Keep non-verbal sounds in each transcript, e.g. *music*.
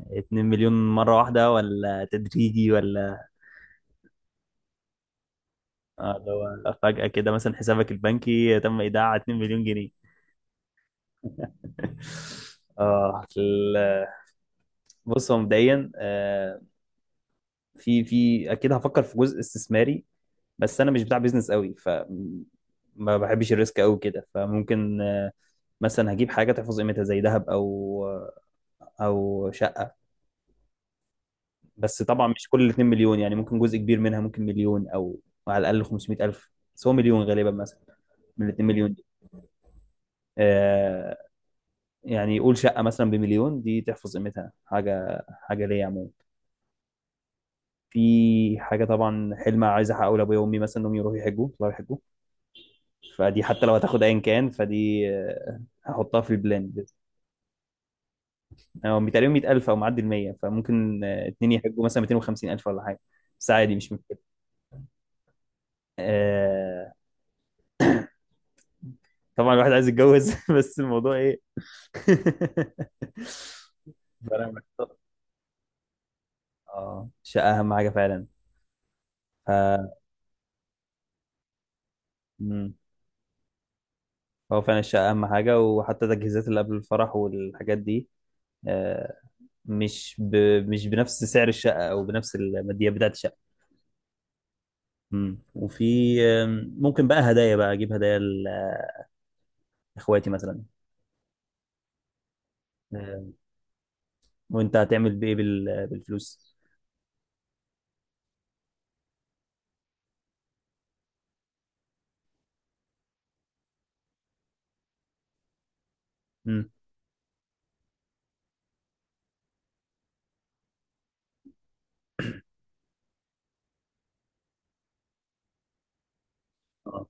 2 مليون مرة واحدة ولا تدريجي ولا؟ اللي هو فجأة كده مثلا حسابك البنكي تم إيداع 2 مليون جنيه. *laughs* اه بص، هو مبدئيا في اكيد هفكر في جزء استثماري. بس انا مش بتاع بيزنس قوي، ما بحبش الريسك قوي كده، فممكن مثلا هجيب حاجة تحفظ قيمتها زي ذهب، او شقة. بس طبعا مش كل ال 2 مليون، يعني ممكن جزء كبير منها، ممكن مليون او على الاقل 500 الف، بس هو مليون غالبا مثلا من ال 2 مليون دي. آه، يعني يقول شقه مثلا بمليون دي تحفظ قيمتها، حاجه حاجه ليا عموما. في حاجه طبعا حلم عايز احققه لابويا وامي، مثلا انهم يروحوا يحجوا، يطلعوا يحجوا. فدي حتى لو هتاخد ايا كان، فدي هحطها في البلان. يعني هو تقريبا 100000 او معدي ال 100، فممكن اتنين يحجوا مثلا 250000 ولا حاجه. بس عادي مش مشكله. آه، طبعا الواحد عايز يتجوز، *laughs* بس الموضوع ايه. *laughs* فانا محتار، اه الشقه اهم حاجه فعلا. ف... مم. هو فعلا الشقه اهم حاجه، وحتى التجهيزات اللي قبل الفرح والحاجات دي آه، مش ب... مش بنفس سعر الشقه، او بنفس الماديات بتاعت الشقه. مم. وفي آم، ممكن بقى هدايا، بقى اجيب هدايا لاخواتي مثلا. آه، وانت هتعمل بايه بالفلوس؟ مم. اه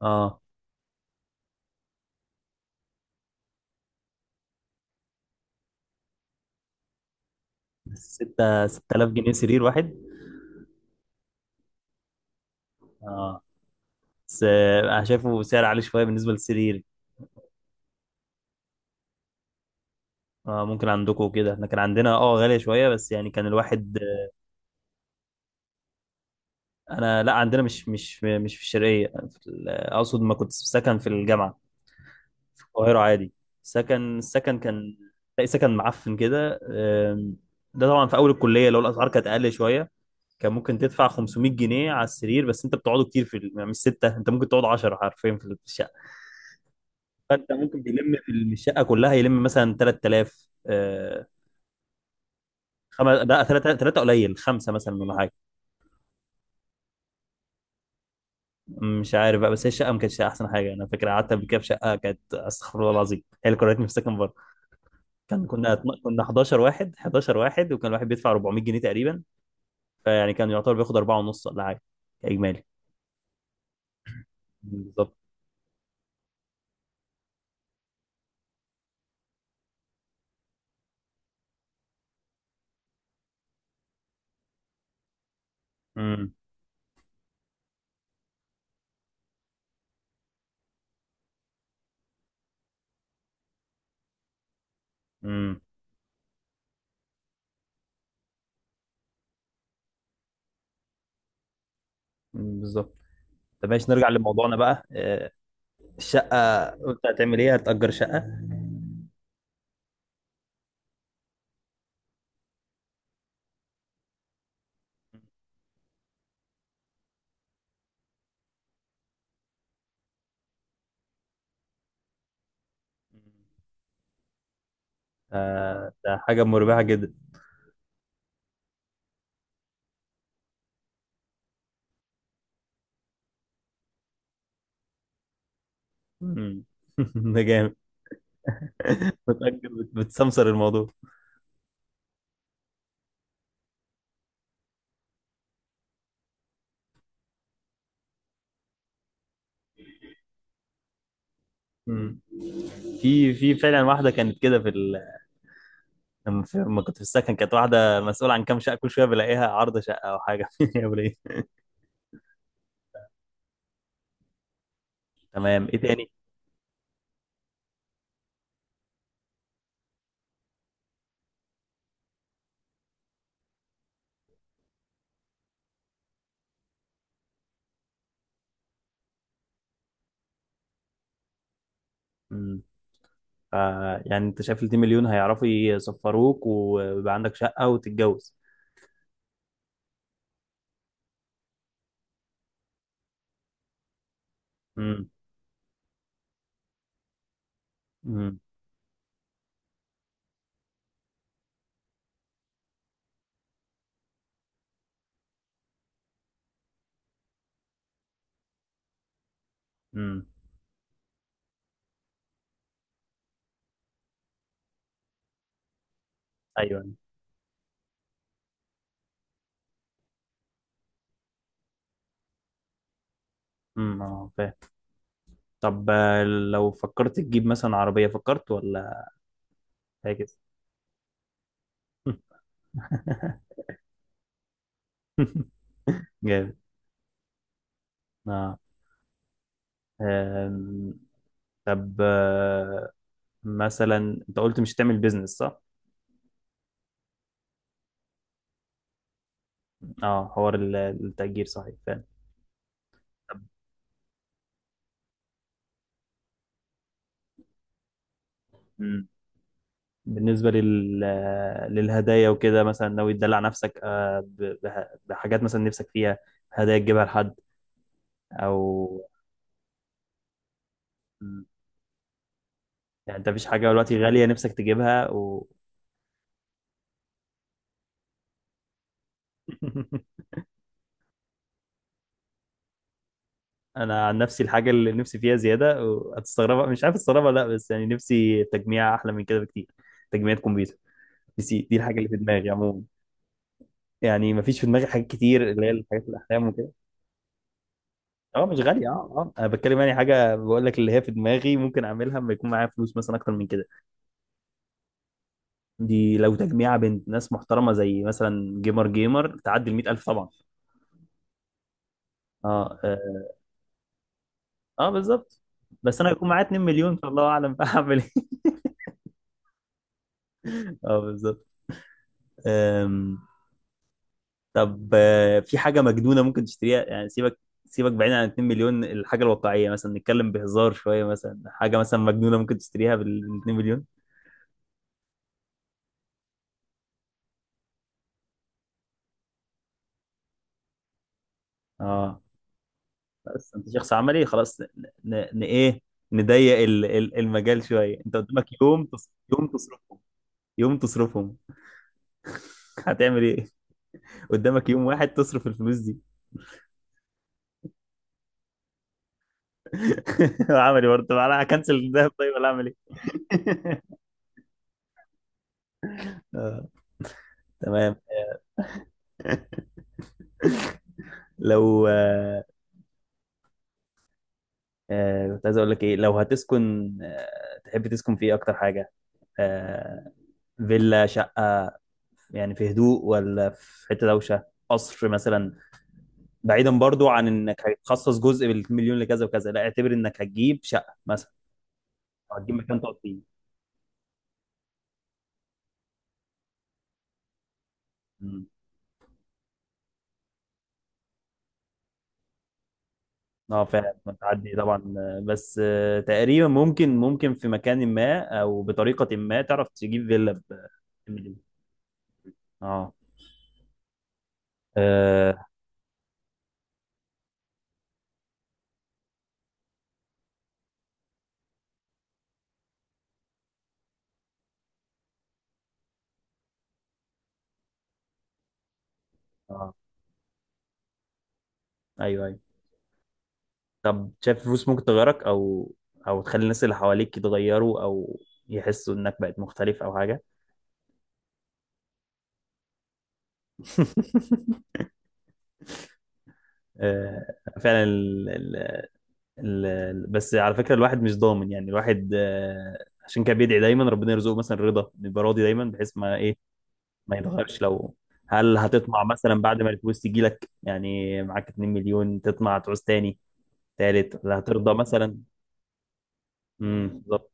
اه، 6 6000 جنيه سرير واحد؟ اه، بس انا شايفه سعر عالي شويه بالنسبه للسرير. آه، ممكن عندكم كده، احنا كان عندنا غاليه شويه، بس يعني كان الواحد. انا لا، عندنا مش في الشرقيه، اقصد ما كنت في سكن في الجامعه في القاهره عادي. السكن كان تلاقي سكن معفن كده. ده طبعا في اول الكليه، لو الاسعار كانت اقل شويه كان ممكن تدفع 500 جنيه على السرير، بس انت بتقعدوا كتير يعني مش سته، انت ممكن تقعد 10 حرفيا في الشقه. فانت ممكن بيلم في الشقه كلها يلم مثلا 3000. لا، ثلاثة ثلاثة قليل، خمسة مثلا ولا حاجة. مش عارف بقى، بس هي الشقة ما كانتش أحسن حاجة، أنا فاكر قعدت قبل كده في شقة كانت، أستغفر الله العظيم، هي اللي كرهتني في السكن بره. كنا كنا 11 واحد، 11 واحد، وكان الواحد بيدفع 400 جنيه تقريبا، فيعني كان يعتبر بياخد 4 ونص ولا حاجة إجمالي. بالظبط. امم. امم. أمم، بالظبط. طب ماشي، نرجع لموضوعنا بقى. الشقة قلت هتعمل إيه، هتأجر شقة. ده حاجة مربحة جدا. امم. *laughs* ده جامد. *laughs* بتسمسر الموضوع. مم. في فعلا واحده كانت كده لما كنت في السكن كانت واحده مسؤوله عن كام شقه، كل شويه بلاقيها عارضه شقه او حاجه، *laughs* يا وليه. تمام، ايه تاني؟ مم. ف... يعني انت شايف ال 2 مليون هيعرفوا يسفروك ويبقى عندك شقه وتتجوز؟ مم. مم. مم. ايوه. امم، اه فاهم. طب لو فكرت تجيب مثلا عربيه، فكرت ولا حاجه؟ *laughs* جامد. اه. آم، طب، مثلا انت قلت مش هتعمل بيزنس، صح؟ اه، حوار التأجير صحيح فعلا. طب. مم. بالنسبة لل... للهدايا وكده، مثلا ناوي تدلع نفسك بحاجات مثلا نفسك فيها، هدايا تجيبها لحد او. مم. يعني انت مفيش حاجة دلوقتي غالية نفسك تجيبها و؟ *laughs* انا عن نفسي الحاجة اللي نفسي فيها زيادة وهتستغربها، مش عارف استغربها لا، بس يعني نفسي تجميع احلى من كده بكتير، تجميع كمبيوتر. بس دي الحاجة اللي في دماغي عموما. يعني مفيش في دماغي حاجات كتير اللي هي الحاجات الأحلام وكده. اه مش غالية، اه اه انا بتكلم يعني، حاجة بقول لك اللي هي في دماغي ممكن اعملها لما يكون معايا فلوس مثلا اكتر من كده. دي لو تجميعة بين ناس محترمة زي مثلا جيمر جيمر تعدي ال 100000 طبعا. اه اه، آه بالظبط. بس انا هيكون معايا 2 مليون، فالله اعلم بقى هعمل ايه. *laughs* اه، بالظبط. أم، طب في حاجة مجنونة ممكن تشتريها؟ يعني سيبك، سيبك بعيد عن 2 مليون، الحاجة الواقعية مثلا، نتكلم بهزار شوية، مثلا حاجة مثلا مجنونة ممكن تشتريها بال 2 مليون؟ اه، بس انت شخص عملي خلاص. ايه، نضيق المجال شويه. انت قدامك يوم تصرفهم، يوم تصرفهم، هتعمل ايه؟ *laughs* قدامك يوم واحد تصرف الفلوس دي. *laughs* عملي برضه، طب انا هكنسل الذهب طيب، ولا اعمل ايه؟ *laughs* آه، تمام. لو آه، كنت عايز اقول لك ايه، لو هتسكن تحب تسكن في ايه اكتر حاجه؟ آه، فيلا، شقه، يعني في هدوء ولا في حته دوشه، قصر مثلا؟ بعيدا برضو عن انك هتخصص جزء بالمليون لكذا وكذا، لا اعتبر انك هتجيب شقه مثلا او هتجيب مكان تقعد فيه. مم. اه، فعلا بتعدي طبعا. آه، بس آه، تقريبا ممكن في مكان ما او بطريقه ما تعرف تجيب فيلا بمليون. اه، اه. آه، ايوه ايوه. طب شايف الفلوس ممكن تغيرك، او تخلي الناس اللي حواليك يتغيروا، او يحسوا انك بقت مختلف او حاجه؟ *laughs* آه، فعلا. بس على فكرة الواحد مش ضامن، يعني الواحد عشان كده بيدعي دايما ربنا يرزقه مثلا رضا، يبقى راضي دايما بحيث ما ايه ما يتغيرش. هل هتطمع مثلا بعد ما الفلوس تيجي لك، يعني معاك 2 مليون تطمع تعوز تاني تالت، ولا هترضى مثلا؟ امم، بالظبط.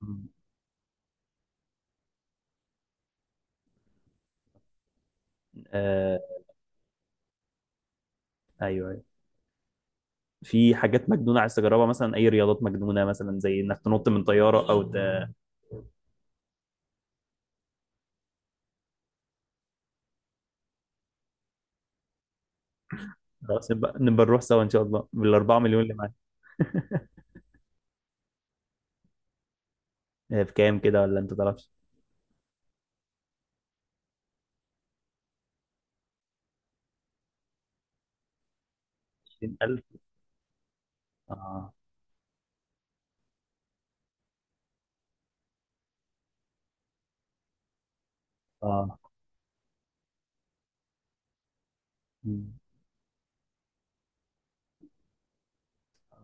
مم. آه، ايوه ايوه. في حاجات مجنونه عايز تجربها مثلا، اي رياضات مجنونه مثلا، زي انك تنط من طياره او *laughs* خلاص نبقى نروح سوا ان شاء الله بالاربعه مليون اللي معاك. بكام كده، ولا انت تعرفش؟ 20000؟ اه، اه.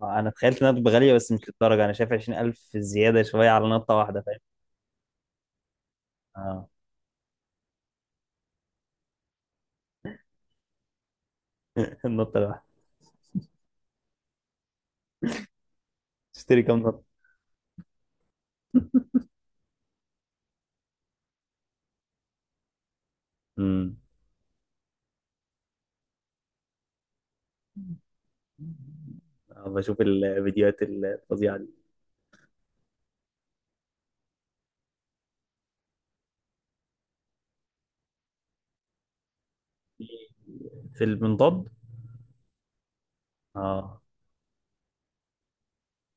انا تخيلت انها تبقى غاليه، بس مش للدرجه، انا شايف 20000 زياده شويه على نطه واحده فاهم. اه. *laughs* النطه الواحده؟ تشتري كام نطه؟ امم. بشوف الفيديوهات الفظيعه دي، في المنضد؟ اه.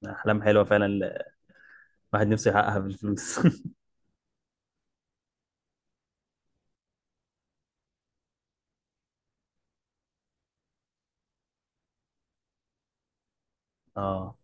احلام حلوه فعلا، الواحد نفسه يحققها بالفلوس. *laughs* اه.